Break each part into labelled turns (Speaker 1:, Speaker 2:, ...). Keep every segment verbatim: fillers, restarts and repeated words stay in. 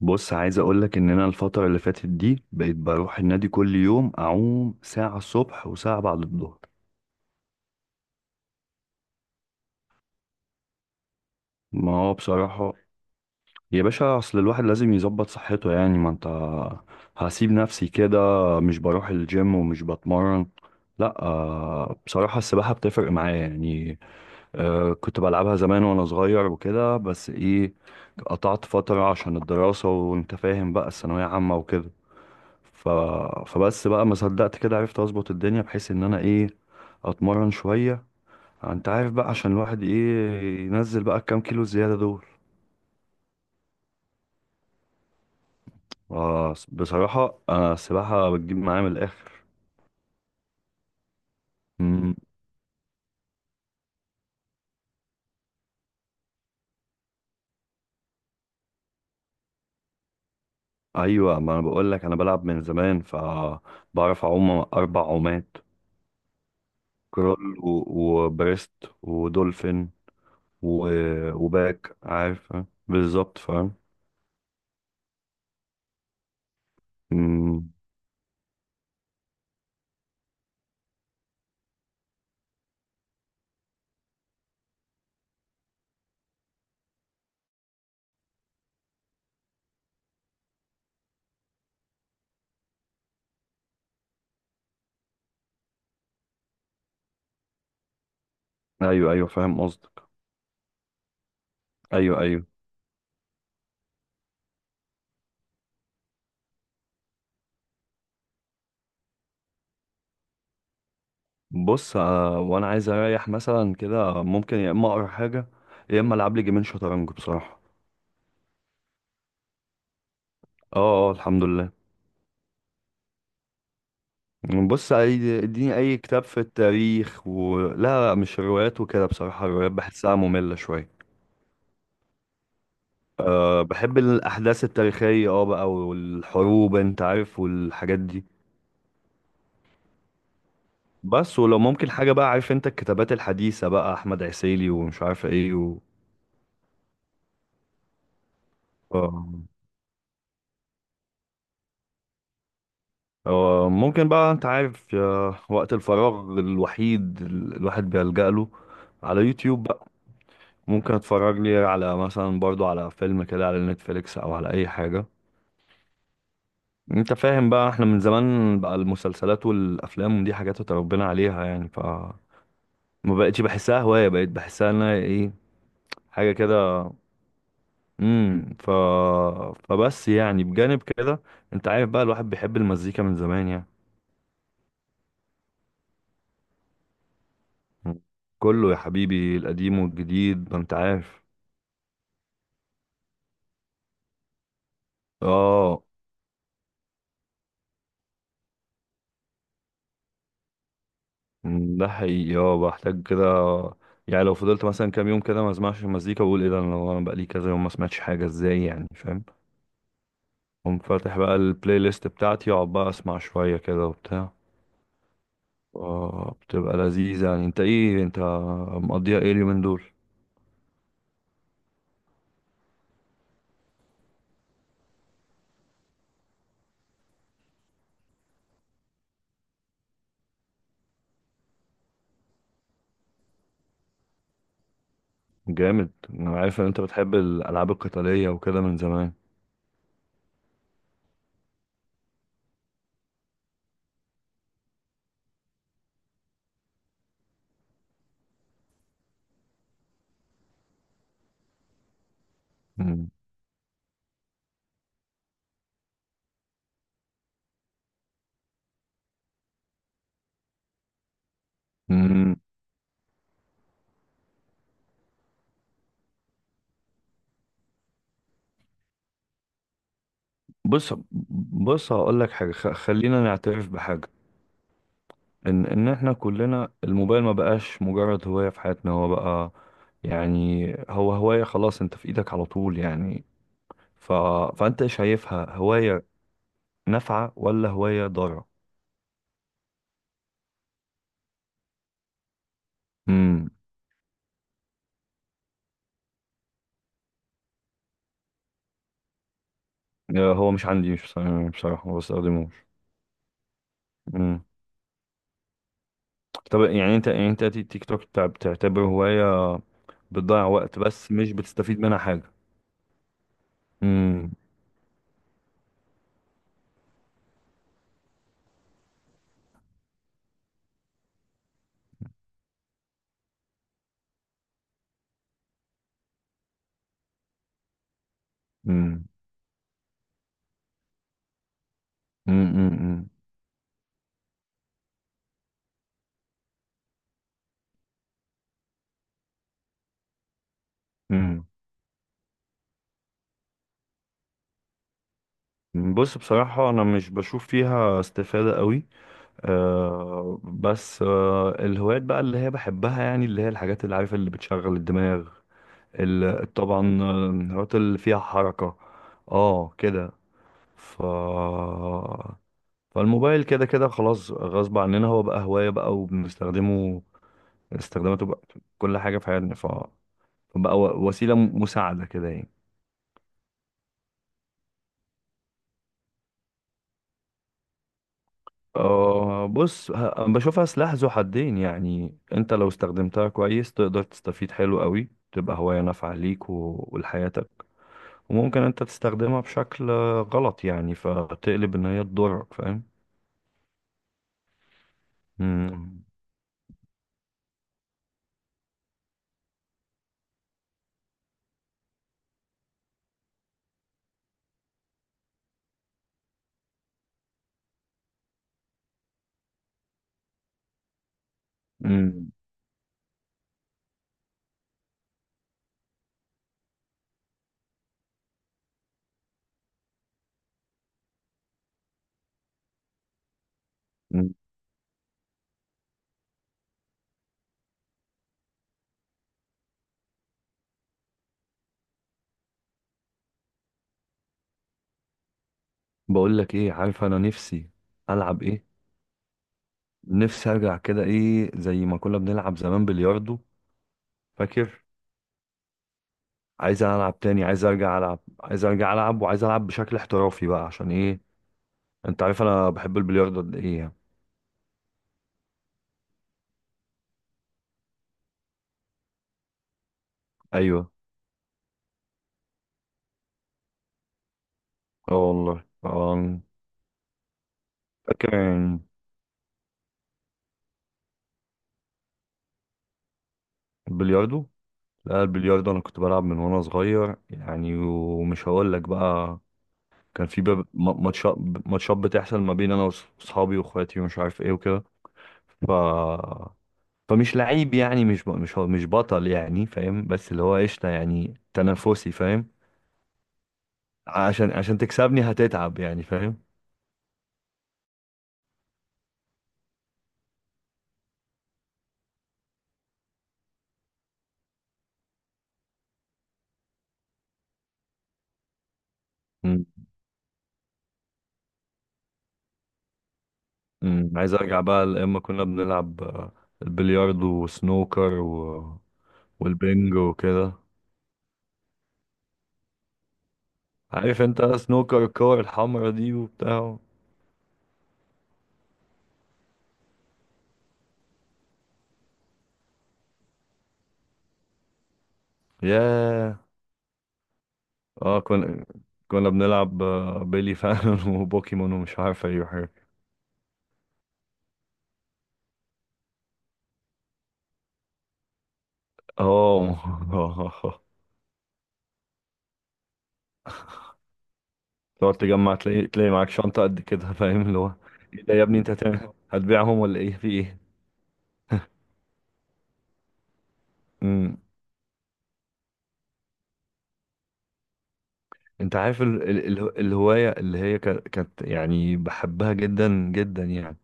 Speaker 1: بص، عايز اقولك ان انا الفترة اللي فاتت دي بقيت بروح النادي كل يوم اعوم ساعة الصبح وساعة بعد الظهر. ما هو بصراحة يا باشا، اصل الواحد لازم يظبط صحته، يعني ما انت هسيب نفسي كده، مش بروح الجيم ومش بتمرن. لا آه، بصراحة السباحة بتفرق معايا يعني. آه، كنت بلعبها زمان وانا صغير وكده، بس ايه، قطعت فترة عشان الدراسة، وانت فاهم بقى الثانوية عامة وكده. ف... فبس بقى ما صدقت كده، عرفت اظبط الدنيا بحيث ان انا ايه، اتمرن شوية. انت عارف بقى، عشان الواحد ايه، ينزل بقى الكام كيلو زيادة دول. آه بصراحة انا السباحة بتجيب معايا من الاخر. مم. ايوه، ما انا بقول لك، انا بلعب من زمان فبعرف اعوم اربع عومات: كرول و- وبريست، ودولفين، و- وباك، عارف. بالظبط، فاهم. مم. ايوه ايوه، فاهم قصدك. ايوه ايوه. بص، آه، وانا عايز اريح مثلا كده، ممكن يا اما اقرا حاجه، يا اما العب لي جيمين شطرنج بصراحه. اه اه، الحمد لله. بص، أي- اديني اي كتاب في التاريخ. ولا لا لا، مش روايات وكده، بصراحه الروايات بحسها ممله شويه. أه، بحب الاحداث التاريخيه، اه بقى، والحروب، انت عارف، والحاجات دي. بس ولو ممكن حاجه بقى، عارف انت الكتابات الحديثه بقى، احمد عسيلي، ومش عارف ايه و... آه. هو ممكن بقى، انت عارف، يا وقت الفراغ الوحيد ال- الواحد بيلجأ له على يوتيوب بقى. ممكن اتفرج لي على مثلا، برضو، على فيلم كده، على نتفليكس او على اي حاجة. انت فاهم بقى، احنا من زمان بقى المسلسلات والافلام دي حاجات اتربينا عليها يعني، ف ما بقتش بحسها هواية، بقيت بحسها انها ايه، حاجة كده. امم ف فبس يعني، بجانب كده، انت عارف بقى الواحد بيحب المزيكا من زمان يعني. كله يا حبيبي، القديم والجديد، ما انت عارف. اه. مم، ده حقيقي، اه بحتاج كده. يعني لو فضلت مثلا كام يوم كده ما اسمعش المزيكا، بقول ايه ده، انا انا بقالي كذا يوم ما سمعتش حاجه، ازاي يعني، فاهم. قوم فاتح بقى البلاي ليست بتاعتي، اقعد بقى اسمع شويه كده وبتاع. اه، بتبقى لذيذه يعني. انت ايه، انت مقضيها ايه اليومين دول؟ جامد، انا عارف ان انت بتحب الالعاب القتاليه وكده من زمان. مم. مم. بص بص هقول لك حاجه، خ- خلينا نعترف بحاجه، ان ان احنا كلنا الموبايل ما بقاش مجرد هواية في حياتنا، هو بقى، يعني هو هواية خلاص، انت في ايدك على طول يعني. ف... فانت شايفها هواية نافعة ولا هواية ضارة؟ امم هو مش عندي، مش بص- يعني بصراحة ما بستخدموش. امم طب يعني انت، يعني انت تي- تيك توك بتع- بتعتبره هواية بتضيع وقت بس مش بتستفيد منها حاجة؟ امم امم امم امم بص، بصراحة انا مش بشوف فيها استفادة قوي. آه بس آه الهوايات بقى اللي هي بحبها، يعني اللي هي الحاجات اللي عارف اللي بتشغل الدماغ، ال- طبعا، آه، الهوايات اللي فيها حركة. اه كده. ف فالموبايل كده كده خلاص، غصب عننا هو بقى هواية بقى وبنستخدمه. استخداماته بقى في كل حاجة في حياتنا، ف... فبقى و- وسيلة مساعدة كده يعني. آه، بص، ه- بشوفها سلاح ذو حدين، يعني انت لو استخدمتها كويس تقدر تستفيد حلو قوي، تبقى هواية نافعة ليك و- ولحياتك. وممكن انت تستخدمها بشكل آه، غلط يعني، فتقلب ان هي تضرك، فاهم. مم. مم. مم. بقول لك ايه، عارف انا نفسي العب ايه، نفسي ارجع كده ايه زي ما كنا بنلعب زمان، بلياردو، فاكر. عايز العب تاني، عايز ارجع العب، عايز ارجع العب، وعايز العب بشكل احترافي بقى، عشان ايه، انت عارف انا بحب البلياردو قد ايه يعني. ايوه. اه والله اه. فاكر يعني. البلياردو؟ لا، البلياردو انا كنت بلعب من وانا صغير يعني، ومش هقول لك بقى، كان في باب- م- ماتشات ماتشات بتحصل ما بين انا واصحابي واخواتي ومش عارف ايه وكده. ف فمش لعيب يعني، مش ب... مش هو- مش بطل يعني، فاهم، بس اللي هو قشطه يعني، تنافسي، فاهم. عشان عشان تكسبني هتتعب يعني، فاهم. م- م. عايز ارجع بقى لاما كنا بنلعب آه، البلياردو وسنوكر والبنج وكده. عارف انت سنوكر، الكور الحمرا دي وبتاع. ياه. اه، كنا كنا بنلعب آه، بيلي فانون وبوكيمون ومش عارف اي حاجة. اه تقعد تجمع، تلاقي تلاقي معاك شنطة قد كده، فاهم، اللي هو ايه ده يا ابني، انت هتعمل هتبيعهم ولا ايه، في ايه؟ امم انت عارف ال... ال... ال- الهواية اللي هي كانت كانت يعني بحبها جدا جدا يعني،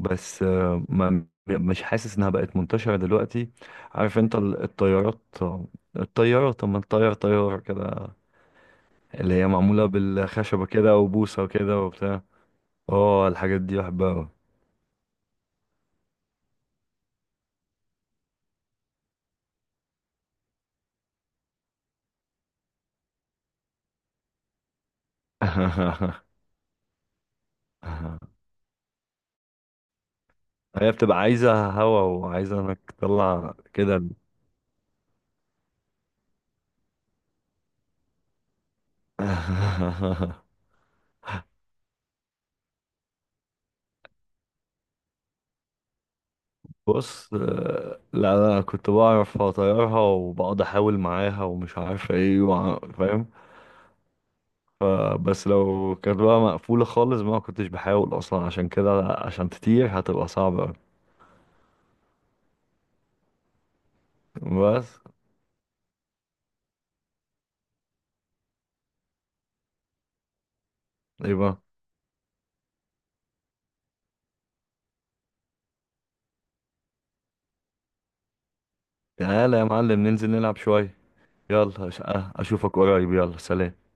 Speaker 1: بس آه، ما مش حاسس انها بقت منتشرة دلوقتي. عارف انت ال- الطيارات، الطيارة، طب ما الطيار، طيار كده، اللي هي معمولة بالخشبة كده وبوصة وكده وبتاع. اه، الحاجات دي بحبها أوي. هي بتبقى عايزة هوا وعايزة انك تطلع كده ال- بص، آه، لا، انا كنت بعرف اطيرها وبقعد احاول معاها ومش عارف ايه وع- فاهم. فبس لو كانت بقى مقفولة خالص ما كنتش بحاول أصلا، عشان كده عشان تطير هتبقى صعبة أوي. بس، إيه بقى؟ تعالى يا معلم ننزل نلعب شوية. يلا، أش- أشوفك قريب، يلا سلام.